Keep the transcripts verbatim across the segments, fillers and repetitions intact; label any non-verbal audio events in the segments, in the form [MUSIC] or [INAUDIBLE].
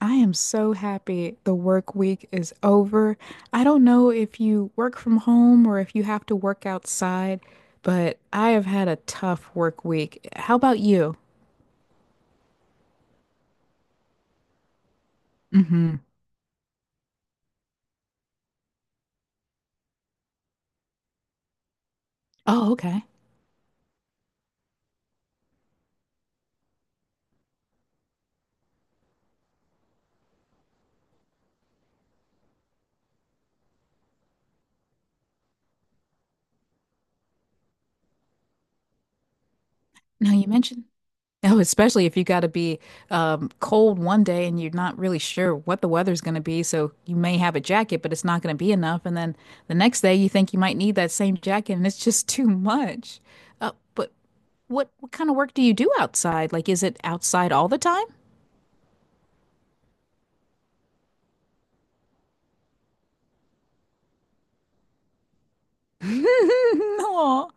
I am so happy the work week is over. I don't know if you work from home or if you have to work outside, but I have had a tough work week. How about you? Hmm. Oh, okay. Now you mentioned. [LAUGHS] Oh, especially if you got to be um, cold one day and you're not really sure what the weather's going to be. So you may have a jacket, but it's not going to be enough. And then the next day you think you might need that same jacket and it's just [LAUGHS] too much. Uh, but what what kind of work do you do outside? Like, is it outside all the time? [LAUGHS] No.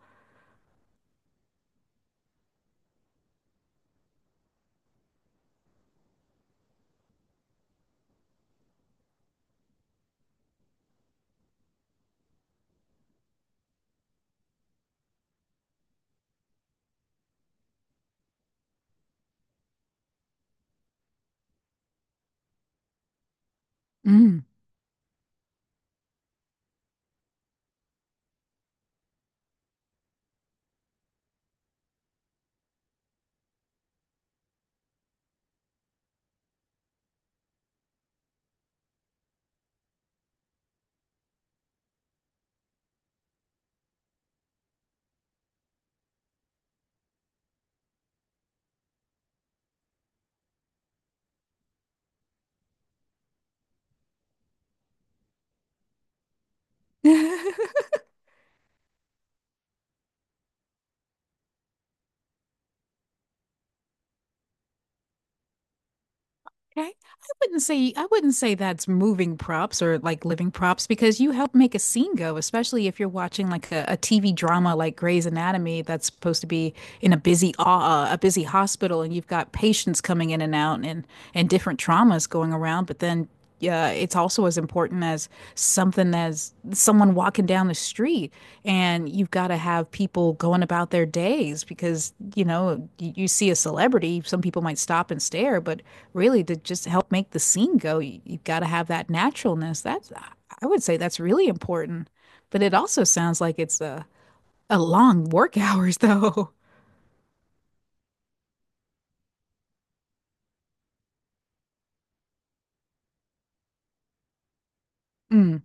Mm. [LAUGHS] Okay. I wouldn't say I wouldn't say that's moving props or like living props because you help make a scene go, especially if you're watching like a, T V drama like Grey's Anatomy that's supposed to be in a busy uh, a busy hospital and you've got patients coming in and out and and different traumas going around, but then yeah, it's also as important as something as someone walking down the street. And you've got to have people going about their days because, you know, you, you see a celebrity, some people might stop and stare, but really to just help make the scene go, you, you've got to have that naturalness. That's, I would say that's really important. But it also sounds like it's a, a long work hours though. [LAUGHS] Mm.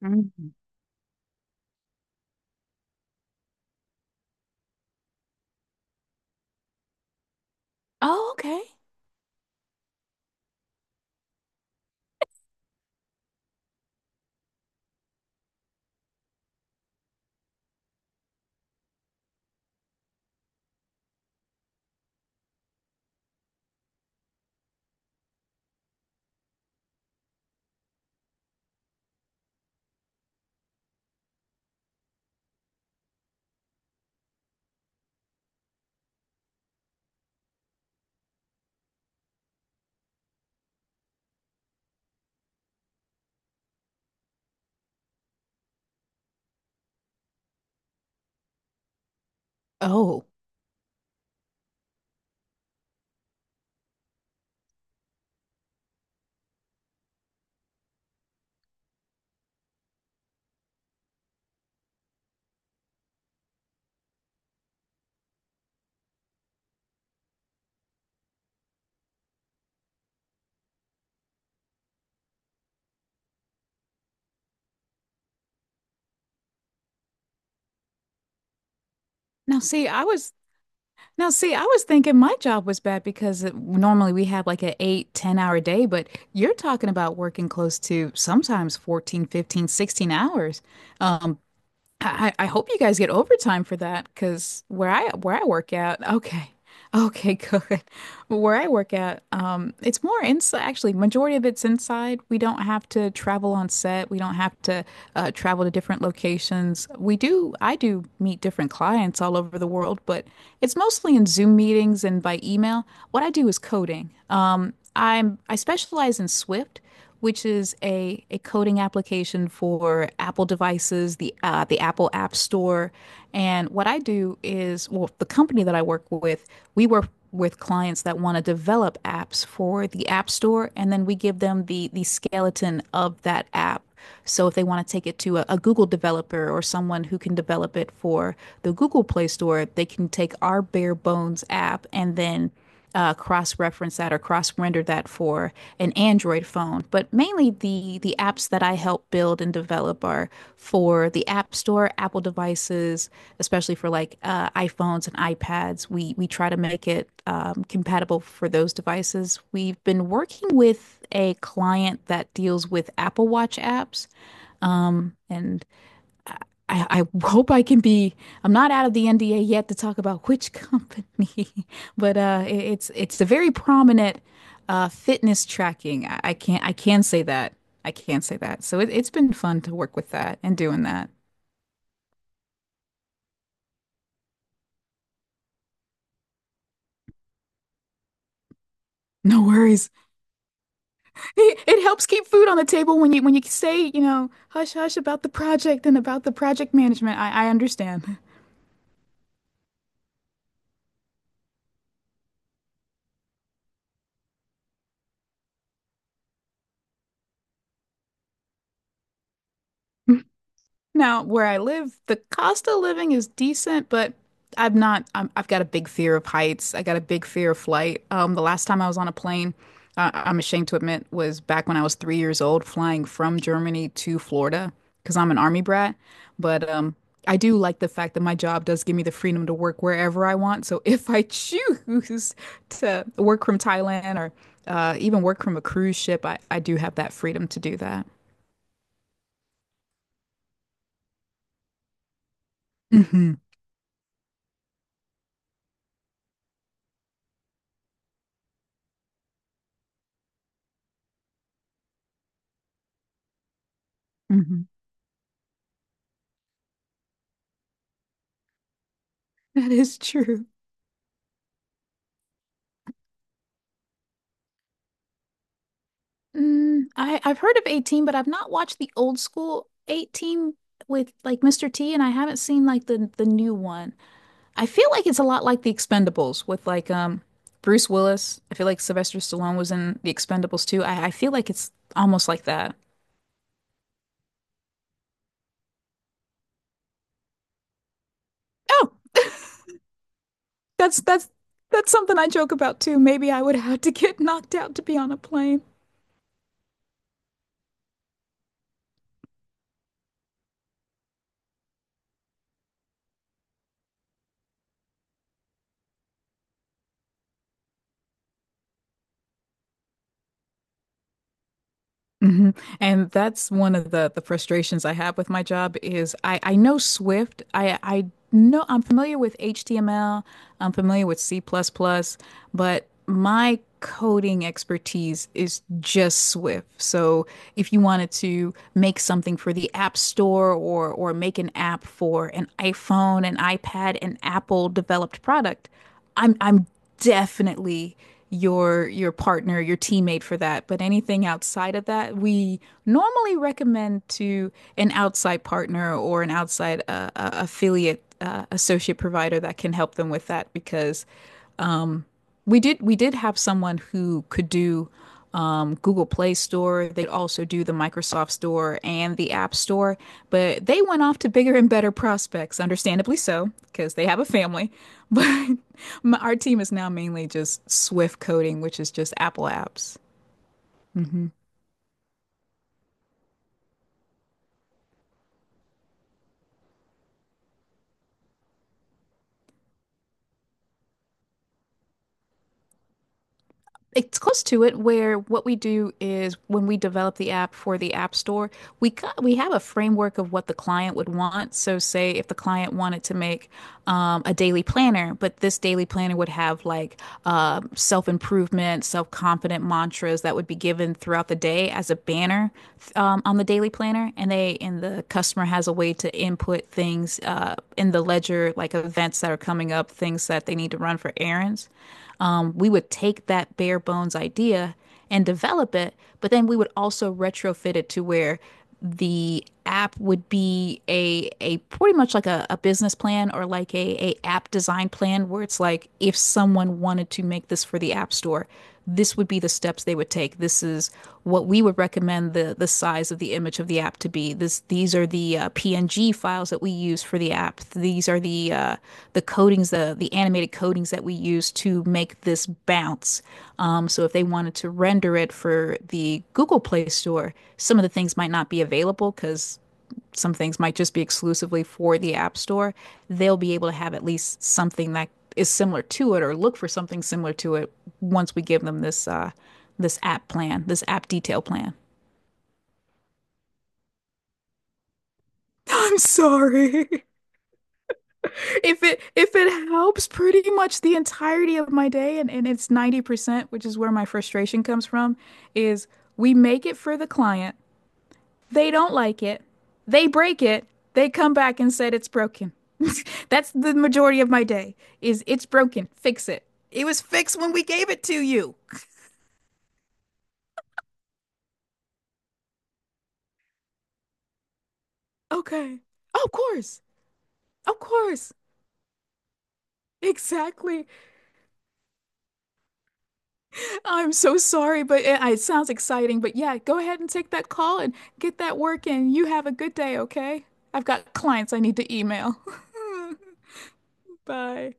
Mhm. Oh, okay. Oh, now see, I was Now, see, I was thinking my job was bad because it, normally we have like an eight, ten hour day, but you're talking about working close to sometimes fourteen, fifteen, sixteen hours. Um, I, I hope you guys get overtime for that because where I where I work out, okay. Okay, [LAUGHS] good. Where I work out, um, it's more inside. Actually, majority of it's inside. We don't have to travel on set. We don't have to uh, travel to different locations. We do. I do meet different clients all over the world, but it's mostly in Zoom meetings and by email. What I do is coding. Um, I'm I specialize in Swift, which is a, a coding application for Apple devices, the uh, the Apple App Store. And what I do is, well, the company that I work with, we work with clients that want to develop apps for the App Store, and then we give them the the skeleton of that app. So if they want to take it to a, a Google developer or someone who can develop it for the Google Play Store, they can take our bare bones app and then uh, cross-reference that or cross-render that for an Android phone. But mainly the the apps that I help build and develop are for the App Store, Apple devices, especially for like uh, iPhones and iPads. We we try to make it um, compatible for those devices. We've been working with a client that deals with Apple Watch apps, um, and I, I hope I can be. I'm not out of the N D A yet to talk about which company, [LAUGHS] but uh, it- it's it's a very prominent uh, fitness tracking. I, I can't I can say that. I can say that. So it, it's been fun to work with that and doing that. No worries. It, it helps keep food on the table when you when you say, you know, hush hush about the project and about the project management. I, I understand. [LAUGHS] Now, where I live, the cost of living is decent, but I'm not, I'm, I've got a big fear of heights. I got a big fear of flight. Um, the last time I was on a plane, uh, I'm ashamed to admit, was back when I was three years old, flying from Germany to Florida because I'm an army brat. But um, I do like the fact that my job does give me the freedom to work wherever I want. So [LAUGHS] if I choose to work from Thailand or uh, even work from a cruise ship, I, I do have that freedom to do that. Mhm, mhm. [LAUGHS] That is true. Mm, I, I've heard of eighteen, but I've not watched the old school eighteen with like Mister T, and I haven't seen like the the new one. I feel like it's a lot like the Expendables with like um Bruce Willis. I feel like Sylvester Stallone was in the Expendables too. I, I feel like it's almost like that. Oh, that's that's that's something I joke about too. Maybe I would have to get [LAUGHS] knocked out to be on a plane. Hmm. And that's one of the the frustrations I have with my job is I I know Swift. I I know I'm familiar with H T M L. I'm familiar with C++, plus plus, but my coding expertise is just Swift. So if you wanted to make something for the App Store or or make an app for an iPhone, an iPad, an Apple developed product, I'm I'm definitely your your partner, your teammate for that. But anything outside of that, we normally recommend to an outside partner or an outside uh, uh, affiliate uh, associate provider that can help them with that because we did we did have someone who could do um, Google Play Store. They would also do the Microsoft Store and the App Store, but they went off to bigger and better prospects, understandably so, because they have a family. But [LAUGHS] our team is now mainly just Swift coding, which is just Apple apps. Hmm. It's close to it where what we do is when we develop the app for the App Store, we got, we have a framework of what the client would want. So say if the client wanted to make um, a daily planner, but this daily planner would have like uh, self-improvement, self-confident mantras that would be given throughout the day as a banner um, on the daily planner, and they and the customer has a way to input things uh, in the ledger, like events that are coming up, things that they need to run for errands um, we would take that bare bones idea and develop it, but then we would also retrofit it to where the app would be a a pretty much like a, a business plan or like a, a app design plan where it's like if someone wanted to make this for the app store, this would be the steps they would take. This is is what we would recommend the the size of the image of the app to be. This These are the uh, P N G files that we use for the app. These are the uh, the coatings the the animated coatings that we use to make this bounce. Um, so if they wanted to render it for the Google Play Store, some of the things might not be available because some things might just be exclusively for the App Store, they'll be able to have at least something that is similar to it or look for something similar to it once we give them this uh, this app plan, this app detail plan. [LAUGHS] I'm sorry. If it if it helps pretty much the entirety of my day and, and it's ninety percent, which is where my frustration comes from, is we make it for the client. They don't like it. They break it. They come back and said it's broken. [LAUGHS] That's the majority of my day is it's broken. Fix it. It was fixed when we gave it to you. Okay. Oh, of course. Of course. Exactly. I'm so sorry, but it, it sounds exciting. But yeah, go ahead and take that call and get that work in. You have a good day, okay? I've got clients I need to email. [LAUGHS] Bye.